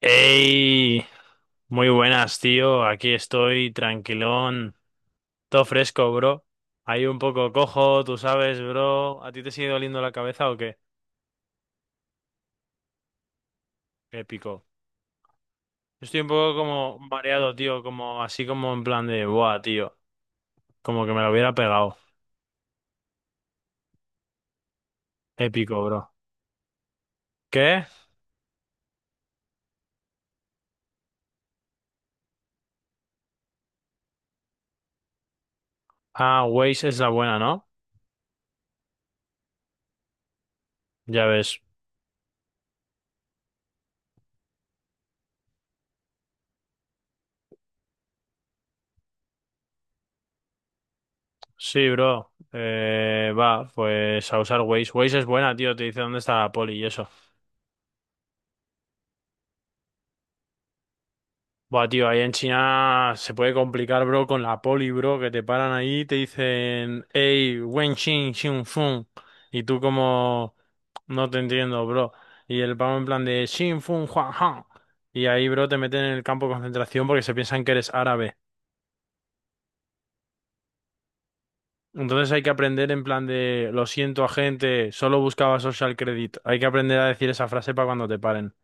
Ey, muy buenas, tío. Aquí estoy, tranquilón, todo fresco, bro. Ahí un poco cojo, tú sabes, bro. ¿A ti te sigue doliendo la cabeza o qué? Épico. Yo estoy un poco como mareado, tío, como así como en plan de, buah, tío, como que me lo hubiera pegado. Épico, bro. ¿Qué? Ah, Waze es la buena, ¿no? Ya ves. Sí, bro. Va, pues a usar Waze. Waze es buena, tío, te dice dónde está la poli y eso. Buah, tío, ahí en China se puede complicar, bro, con la poli, bro, que te paran ahí y te dicen, hey, wen xin xin fun. Y tú como, no te entiendo, bro. Y el pavo en plan de xin fun huan han. Y ahí, bro, te meten en el campo de concentración porque se piensan que eres árabe. Entonces hay que aprender en plan de, lo siento, agente, solo buscaba social credit. Hay que aprender a decir esa frase para cuando te paren.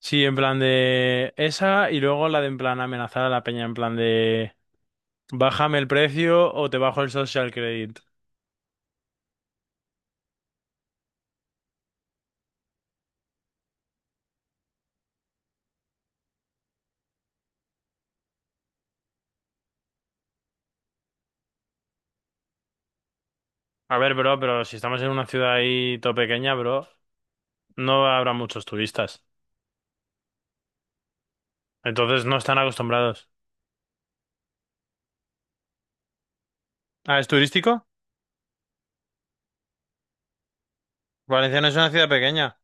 Sí, en plan de esa y luego la de en plan amenazar a la peña, en plan de... Bájame el precio o te bajo el social credit. A ver, bro, pero si estamos en una ciudad ahí todo pequeña, bro, no habrá muchos turistas. Entonces no están acostumbrados. Ah, ¿es turístico? Valencia no es una ciudad pequeña.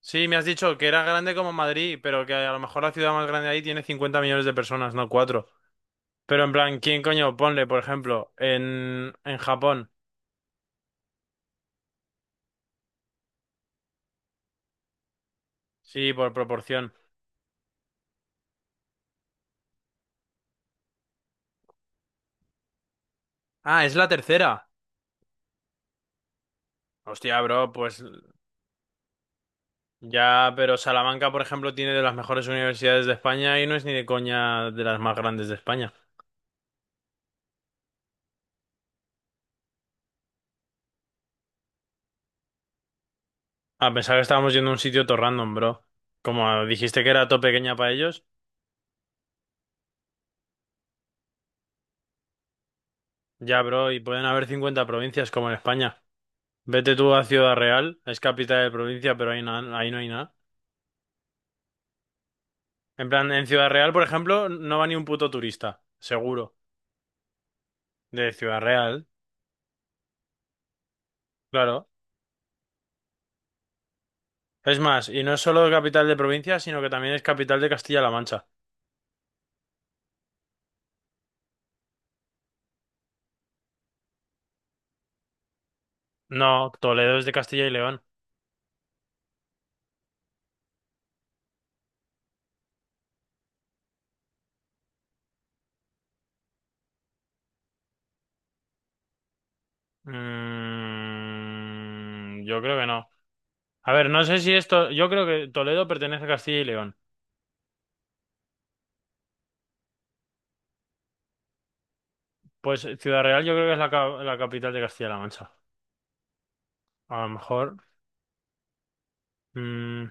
Sí, me has dicho que era grande como Madrid, pero que a lo mejor la ciudad más grande ahí tiene 50 millones de personas, no 4. Pero en plan, ¿quién coño? Ponle, por ejemplo, en Japón. Sí, por proporción. Ah, es la tercera. Hostia, bro, pues ya, pero Salamanca, por ejemplo, tiene de las mejores universidades de España y no es ni de coña de las más grandes de España. A pesar que estábamos yendo a un sitio todo random, bro. Como dijiste que era todo pequeña para ellos, ya, bro, y pueden haber 50 provincias como en España. Vete tú a Ciudad Real, es capital de provincia, pero ahí, ahí no hay nada. En plan, en Ciudad Real, por ejemplo, no va ni un puto turista, seguro, de Ciudad Real, claro. Es más, y no es solo capital de provincia, sino que también es capital de Castilla-La Mancha. No, Toledo es de Castilla y León. Mm, yo creo que no. A ver, no sé si esto. Yo creo que Toledo pertenece a Castilla y León. Pues Ciudad Real yo creo que es la capital de Castilla-La Mancha. A lo mejor. mm,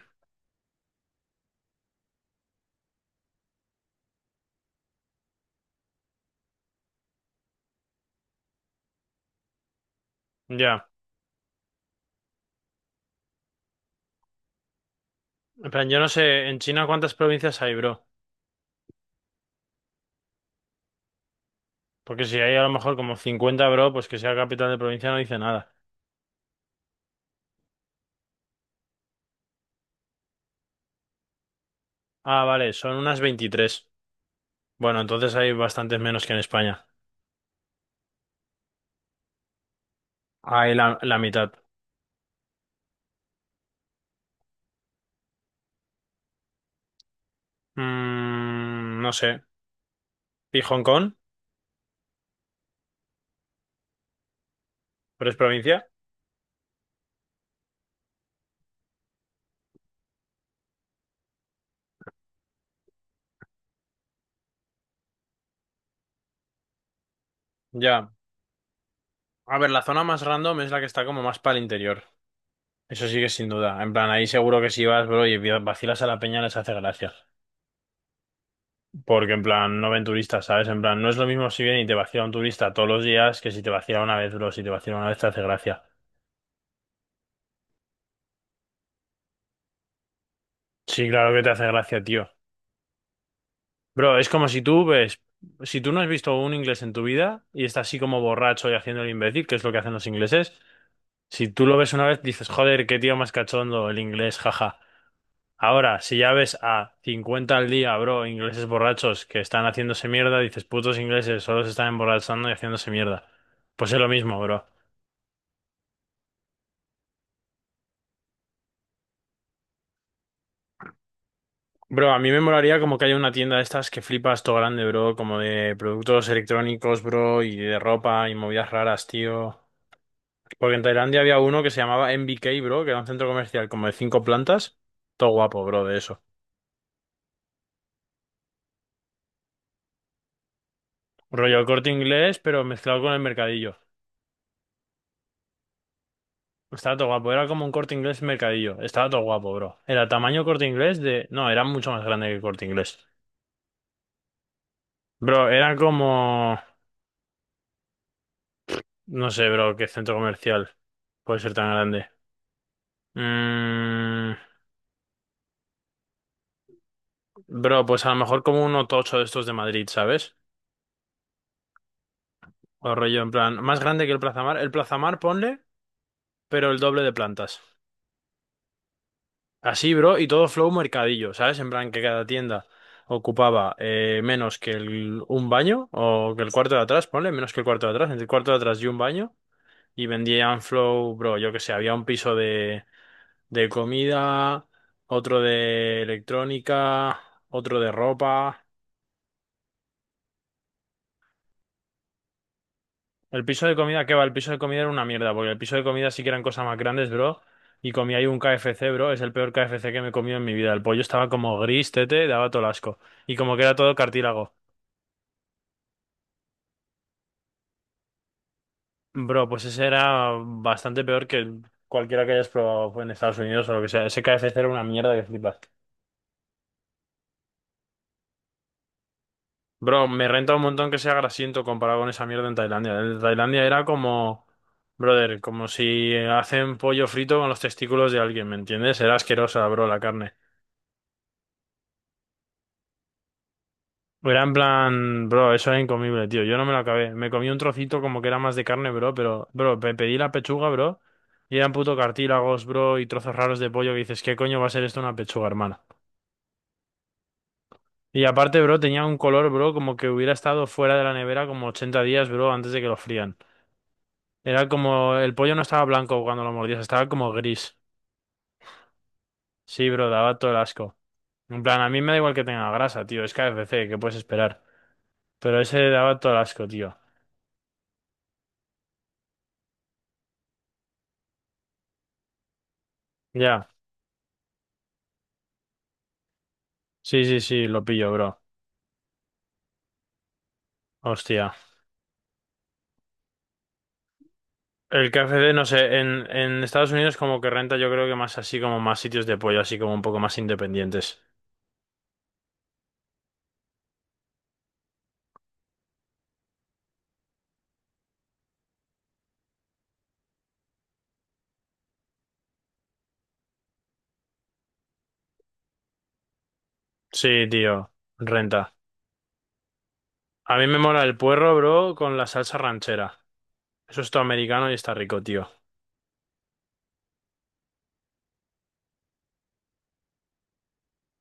ya. En plan, yo no sé en China cuántas provincias hay, bro. Porque si hay a lo mejor como 50, bro, pues que sea capital de provincia no dice nada. Ah, vale, son unas 23. Bueno, entonces hay bastantes menos que en España. Hay la mitad. Mm, no sé. ¿Y Hong Kong? ¿Pero es provincia? Ya. A ver, la zona más random es la que está como más para el interior. Eso sí que sin duda. En plan, ahí seguro que si vas, bro, y vacilas a la peña les hace gracia. Porque en plan, no ven turistas, ¿sabes? En plan, no es lo mismo si viene y te vacila un turista todos los días que si te vacila una vez, bro. Si te vacila una vez te hace gracia. Sí, claro que te hace gracia, tío. Bro, es como si tú ves, si tú no has visto un inglés en tu vida y está así como borracho y haciendo el imbécil, que es lo que hacen los ingleses, si tú lo ves una vez dices, joder, qué tío más cachondo el inglés, jaja. Ahora, si ya ves a 50 al día, bro, ingleses borrachos que están haciéndose mierda, dices, putos ingleses, solo se están emborrachando y haciéndose mierda. Pues es lo mismo, bro. Bro, a mí me molaría como que haya una tienda de estas que flipas todo grande, bro, como de productos electrónicos, bro, y de ropa y movidas raras, tío. Porque en Tailandia había uno que se llamaba MBK, bro, que era un centro comercial como de cinco plantas. Todo guapo, bro, de eso. Rollo el Corte Inglés, pero mezclado con el mercadillo. Estaba todo guapo, era como un Corte Inglés mercadillo. Estaba todo guapo, bro. Era tamaño Corte Inglés de... No, era mucho más grande que el Corte Inglés. Bro, era como... No sé, bro, qué centro comercial puede ser tan grande. Mm, bro, pues a lo mejor como un tocho de estos de Madrid, ¿sabes? O rollo en plan... Más grande que el Plaza Mar. El Plaza Mar, ponle, pero el doble de plantas. Así, bro, y todo flow mercadillo, ¿sabes? En plan que cada tienda ocupaba menos que un baño o que el cuarto de atrás, ponle, menos que el cuarto de atrás, entre el cuarto de atrás y un baño, y vendían flow, bro, yo que sé, había un piso de comida, otro de electrónica, otro de ropa. El piso de comida, ¿qué va? El piso de comida era una mierda, porque el piso de comida sí que eran cosas más grandes, bro. Y comí ahí un KFC, bro. Es el peor KFC que me he comido en mi vida. El pollo estaba como gris, tete, daba todo el asco. Y como que era todo cartílago. Bro, pues ese era bastante peor que cualquiera que hayas probado en Estados Unidos o lo que sea. Ese KFC era una mierda que flipas. Bro, me renta un montón que sea grasiento comparado con esa mierda en Tailandia. En Tailandia era como, brother, como si hacen pollo frito con los testículos de alguien, ¿me entiendes? Era asquerosa, bro, la carne. Era en plan, bro, eso es incomible, tío. Yo no me lo acabé. Me comí un trocito como que era más de carne, bro, pero, bro, me pedí la pechuga, bro, y eran puto cartílagos, bro, y trozos raros de pollo que dices, ¿qué coño va a ser esto una pechuga, hermana? Y aparte, bro, tenía un color, bro, como que hubiera estado fuera de la nevera como 80 días, bro, antes de que lo frían. Era como, el pollo no estaba blanco cuando lo mordías, estaba como gris. Sí, bro, daba todo el asco. En plan, a mí me da igual que tenga grasa, tío, es KFC, ¿qué puedes esperar? Pero ese daba todo el asco, tío. Ya, sí, sí, sí, lo pillo, bro. Hostia. El KFC, no sé, en Estados Unidos como que renta yo creo que más así como más sitios de pollo, así como un poco más independientes. Sí, tío, renta. A mí me mola el puerro, bro, con la salsa ranchera. Eso es todo americano y está rico, tío.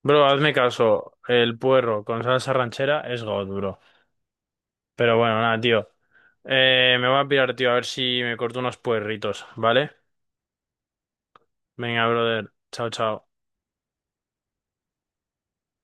Bro, hazme caso. El puerro con salsa ranchera es god, bro. Pero bueno, nada, tío. Me voy a pirar, tío, a ver si me corto unos puerritos, ¿vale? Venga, brother. Chao, chao.